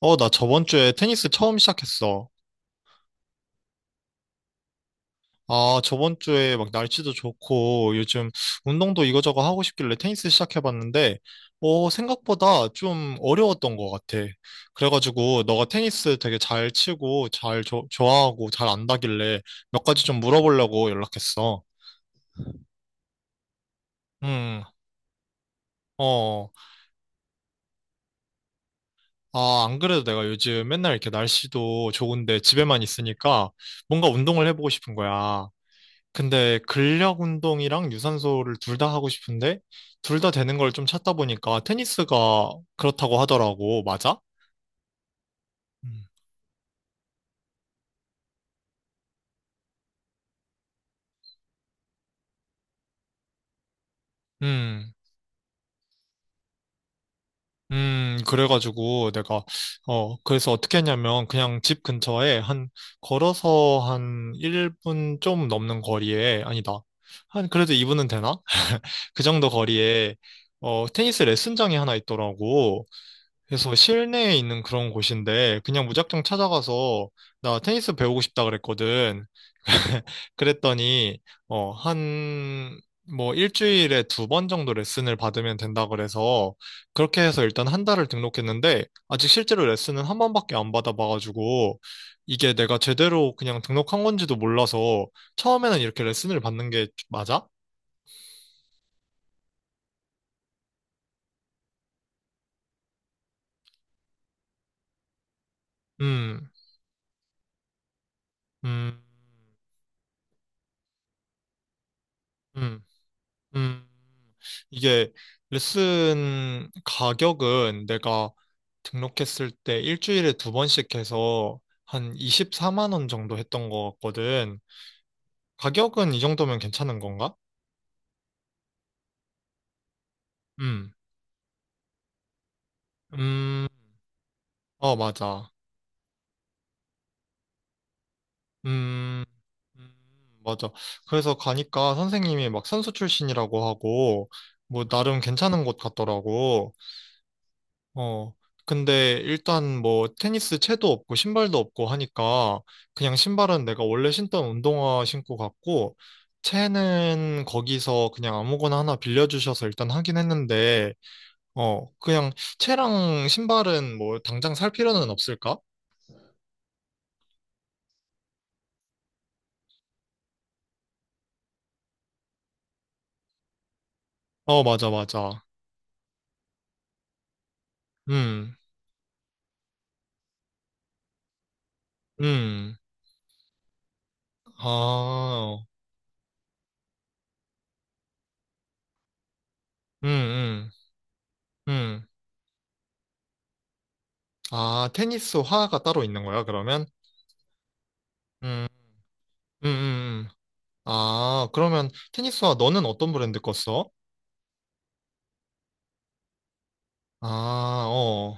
어, 나 저번 주에 테니스 처음 시작했어. 아, 저번 주에 막 날씨도 좋고 요즘 운동도 이거저거 하고 싶길래 테니스 시작해봤는데, 어, 생각보다 좀 어려웠던 것 같아. 그래가지고 너가 테니스 되게 잘 치고 잘 좋아하고 잘 안다길래 몇 가지 좀 물어보려고 연락했어. 음, 어, 아, 안 그래도 내가 요즘 맨날 이렇게 날씨도 좋은데 집에만 있으니까 뭔가 운동을 해보고 싶은 거야. 근데 근력 운동이랑 유산소를 둘 다 하고 싶은데 둘 다 되는 걸 좀 찾다 보니까 테니스가 그렇다고 하더라고. 맞아? 음. 음, 그래가지고 내가, 어, 그래서 어떻게 했냐면 그냥 집 근처에 한, 걸어서 한 1분 좀 넘는 거리에, 아니다. 한, 그래도 2분은 되나? 그 정도 거리에, 어, 테니스 레슨장이 하나 있더라고. 그래서 실내에 있는 그런 곳인데 그냥 무작정 찾아가서 나 테니스 배우고 싶다 그랬거든. 그랬더니 어, 한 뭐 일주일에 두 번 정도 레슨을 받으면 된다 그래서 그렇게 해서 일단 한 달을 등록했는데 아직 실제로 레슨은 한 번밖에 안 받아봐가지고 이게 내가 제대로 그냥 등록한 건지도 몰라서 처음에는 이렇게 레슨을 받는 게 맞아? 음, 음, 음. 음, 이게 레슨 가격은 내가 등록했을 때 일주일에 두 번씩 해서 한 24만 원 정도 했던 것 같거든. 가격은 이 정도면 괜찮은 건가? 음, 음, 어, 맞아. 음, 음, 맞아. 그래서 가니까 선생님이 막 선수 출신이라고 하고, 뭐, 나름 괜찮은 곳 같더라고. 어, 근데 일단 뭐 테니스 채도 없고 신발도 없고 하니까 그냥 신발은 내가 원래 신던 운동화 신고 갔고 채는 거기서 그냥 아무거나 하나 빌려주셔서 일단 하긴 했는데 어, 그냥 채랑 신발은 뭐 당장 살 필요는 없을까? 어, 맞아, 맞아. 음, 음, 아, 음, 음, 음. 아, 테니스 화가 따로 있는 거야, 그러면? 음, 음. 아, 그러면 테니스화 너는 어떤 브랜드 거 써? 아, 어,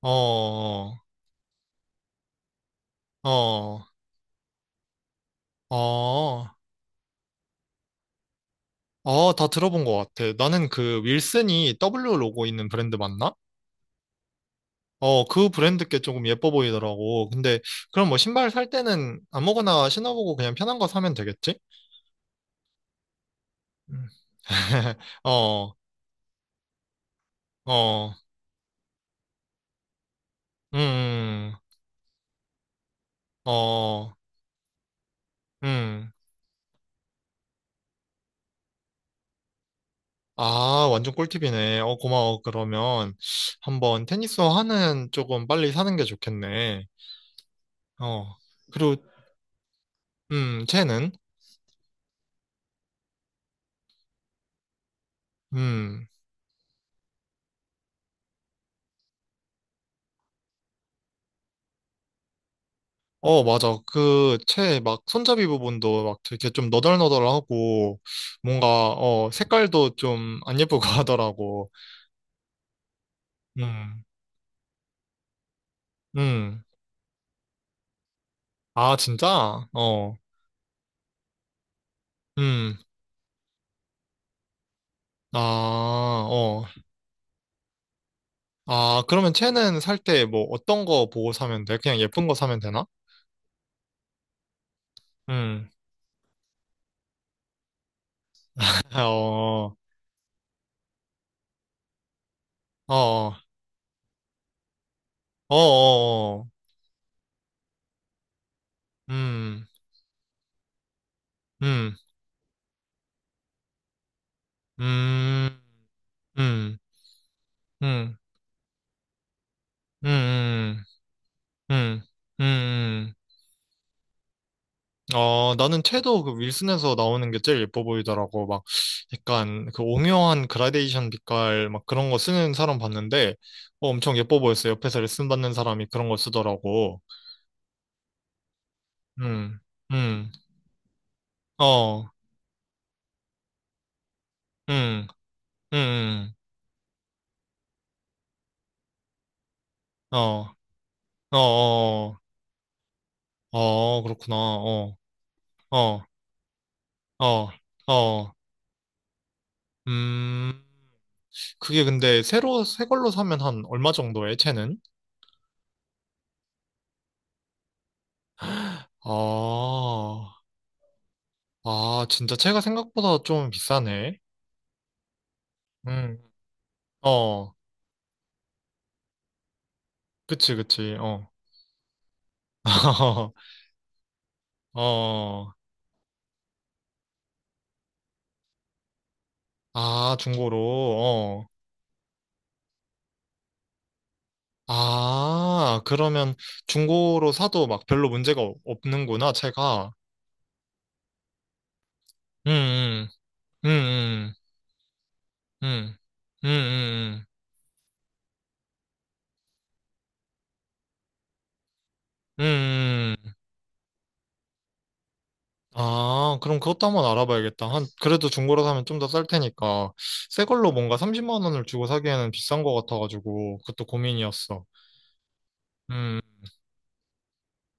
어, 어, 어, 어, 다 들어본 것 같아. 나는 그 윌슨이 W 로고 있는 브랜드 맞나? 어, 그 브랜드 게 조금 예뻐 보이더라고. 근데 그럼 뭐 신발 살 때는 아무거나 신어보고 그냥 편한 거 사면 되겠지? 음. 어, 어, 음, 음, 어, 음. 아, 완전 꿀팁이네. 어, 고마워. 그러면 한번 테니스 화는 조금 빨리 사는 게 좋겠네. 어, 그리고, 채는? 음, 어, 맞아. 그, 채 막 손잡이 부분도 막 되게 좀 너덜너덜하고 뭔가, 어, 색깔도 좀 안 예쁘고 하더라고. 음, 음. 아, 진짜? 어, 음. 아, 어. 아, 그러면 채는 살 때 뭐 어떤 거 보고 사면 돼? 그냥 예쁜 거 사면 되나? 음. 어. 어, 어, 어, 어, 어. 음, 음, 음, 음, 음, 음, 음, 음, 음. 어, 나는 채도 그 윌슨에서 나오는 게 제일 예뻐 보이더라고. 막, 약간 그 오묘한 그라데이션 빛깔 막 그런 거 쓰는 사람 봤는데, 어, 엄청 예뻐 보였어. 옆에서 레슨 받는 사람이 그런 걸 쓰더라고. 음, 음, 어, 음, 음, 어, 어, 어, 어, 어, 그렇구나. 어, 어, 어. 어, 음, 그게 근데 새 걸로 사면 한 얼마 정도에, 채는? 아, 아, 진짜 채가 생각보다 좀 비싸네. 음, 어, 그치, 그치, 어. 어, 아, 중고로, 어. 아, 그러면 중고로 사도 막 별로 문제가 없는구나, 채가. 음, 음, 음, 음, 음, 음, 음, 음. 음, 음. 아, 그럼 그것도 한번 알아봐야겠다. 한, 그래도 중고로 사면 좀 더 쌀 테니까. 새 걸로 뭔가 30만 원을 주고 사기에는 비싼 것 같아가지고, 그것도 고민이었어. 음,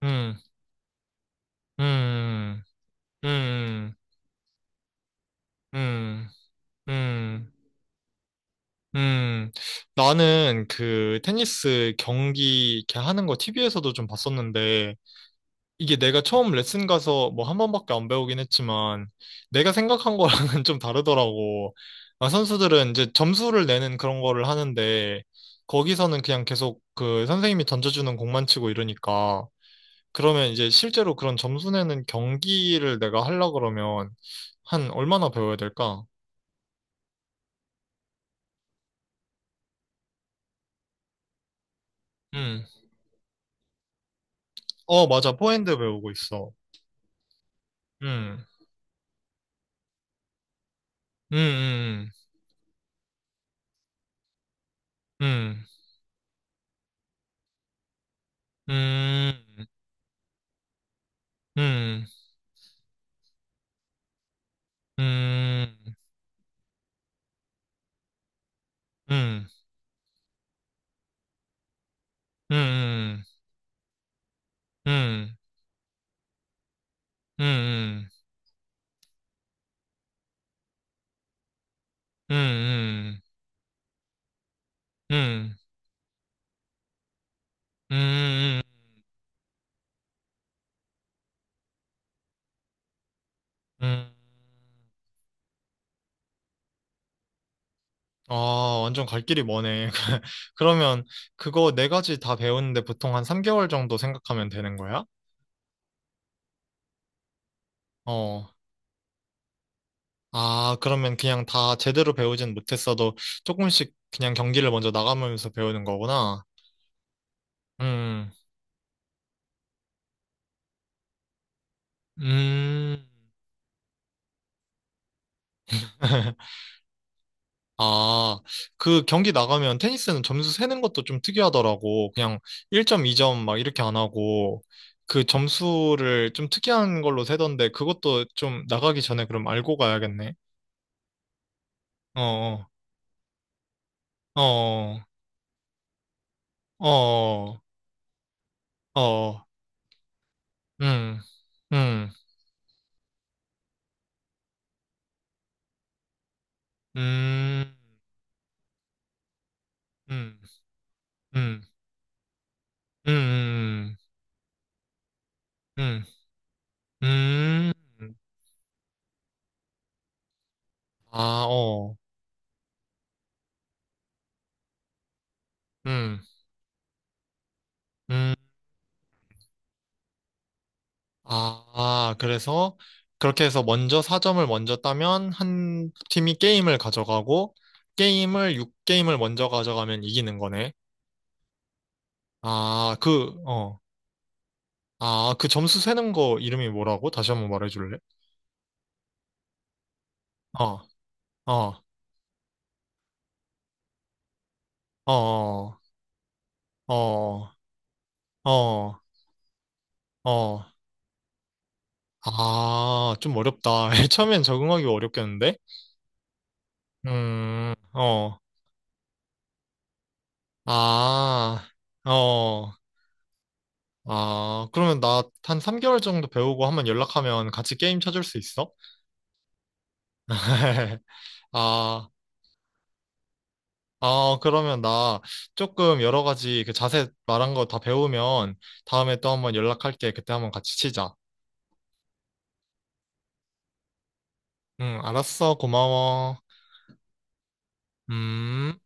음, 음, 음, 음, 음, 음. 나는 그 테니스 경기 이렇게 하는 거 TV에서도 좀 봤었는데, 이게 내가 처음 레슨 가서 뭐 한 번밖에 안 배우긴 했지만 내가 생각한 거랑은 좀 다르더라고. 아, 선수들은 이제 점수를 내는 그런 거를 하는데 거기서는 그냥 계속 그 선생님이 던져주는 공만 치고 이러니까 그러면 이제 실제로 그런 점수 내는 경기를 내가 하려 그러면 한 얼마나 배워야 될까? 음. 어, 맞아. 포핸드 배우고 있어. 음. 음. 음. 음. 음. 음. 음. 음. 음. 음. 음. 음, 음, 음, 음, 음, 음, 음, 음, 음. 아, 완전 갈 길이 머네. 그러면 그거 네 가지 다 배우는데 보통 한 3개월 정도 생각하면 되는 거야? 어. 아, 그러면 그냥 다 제대로 배우진 못했어도 조금씩 그냥 경기를 먼저 나가면서 배우는 거구나. 음, 음. 아, 그 경기 나가면 테니스는 점수 세는 것도 좀 특이하더라고. 그냥 1점, 2점 막 이렇게 안 하고, 그 점수를 좀 특이한 걸로 세던데, 그것도 좀 나가기 전에 그럼 알고 가야겠네. 어, 어, 어, 어, 어, 어, 어. 음, 음, 음, 음, 음, 음, 음, 음, 음, 음. 아, 어, 음, 음. 아, 그래서 그렇게 해서 먼저 4점을 먼저 따면 한 팀이 게임을 가져가고 게임을 6게임을 먼저 가져가면 이기는 거네. 아, 그, 어. 아, 그 점수 세는 거 이름이 뭐라고? 다시 한번 말해줄래? 어, 어, 어, 어, 어, 어. 어. 아, 좀 어렵다. 처음엔 적응하기 어렵겠는데? 어, 아, 어. 아, 그러면 나 한 3개월 정도 배우고 한 번 연락하면 같이 게임 쳐줄 수 있어? 아, 아, 그러면 나 조금 여러 가지 그 자세 말한 거 다 배우면 다음에 또 한 번 연락할게. 그때 한 번 같이 치자. 응, 알았어. 고마워. 음.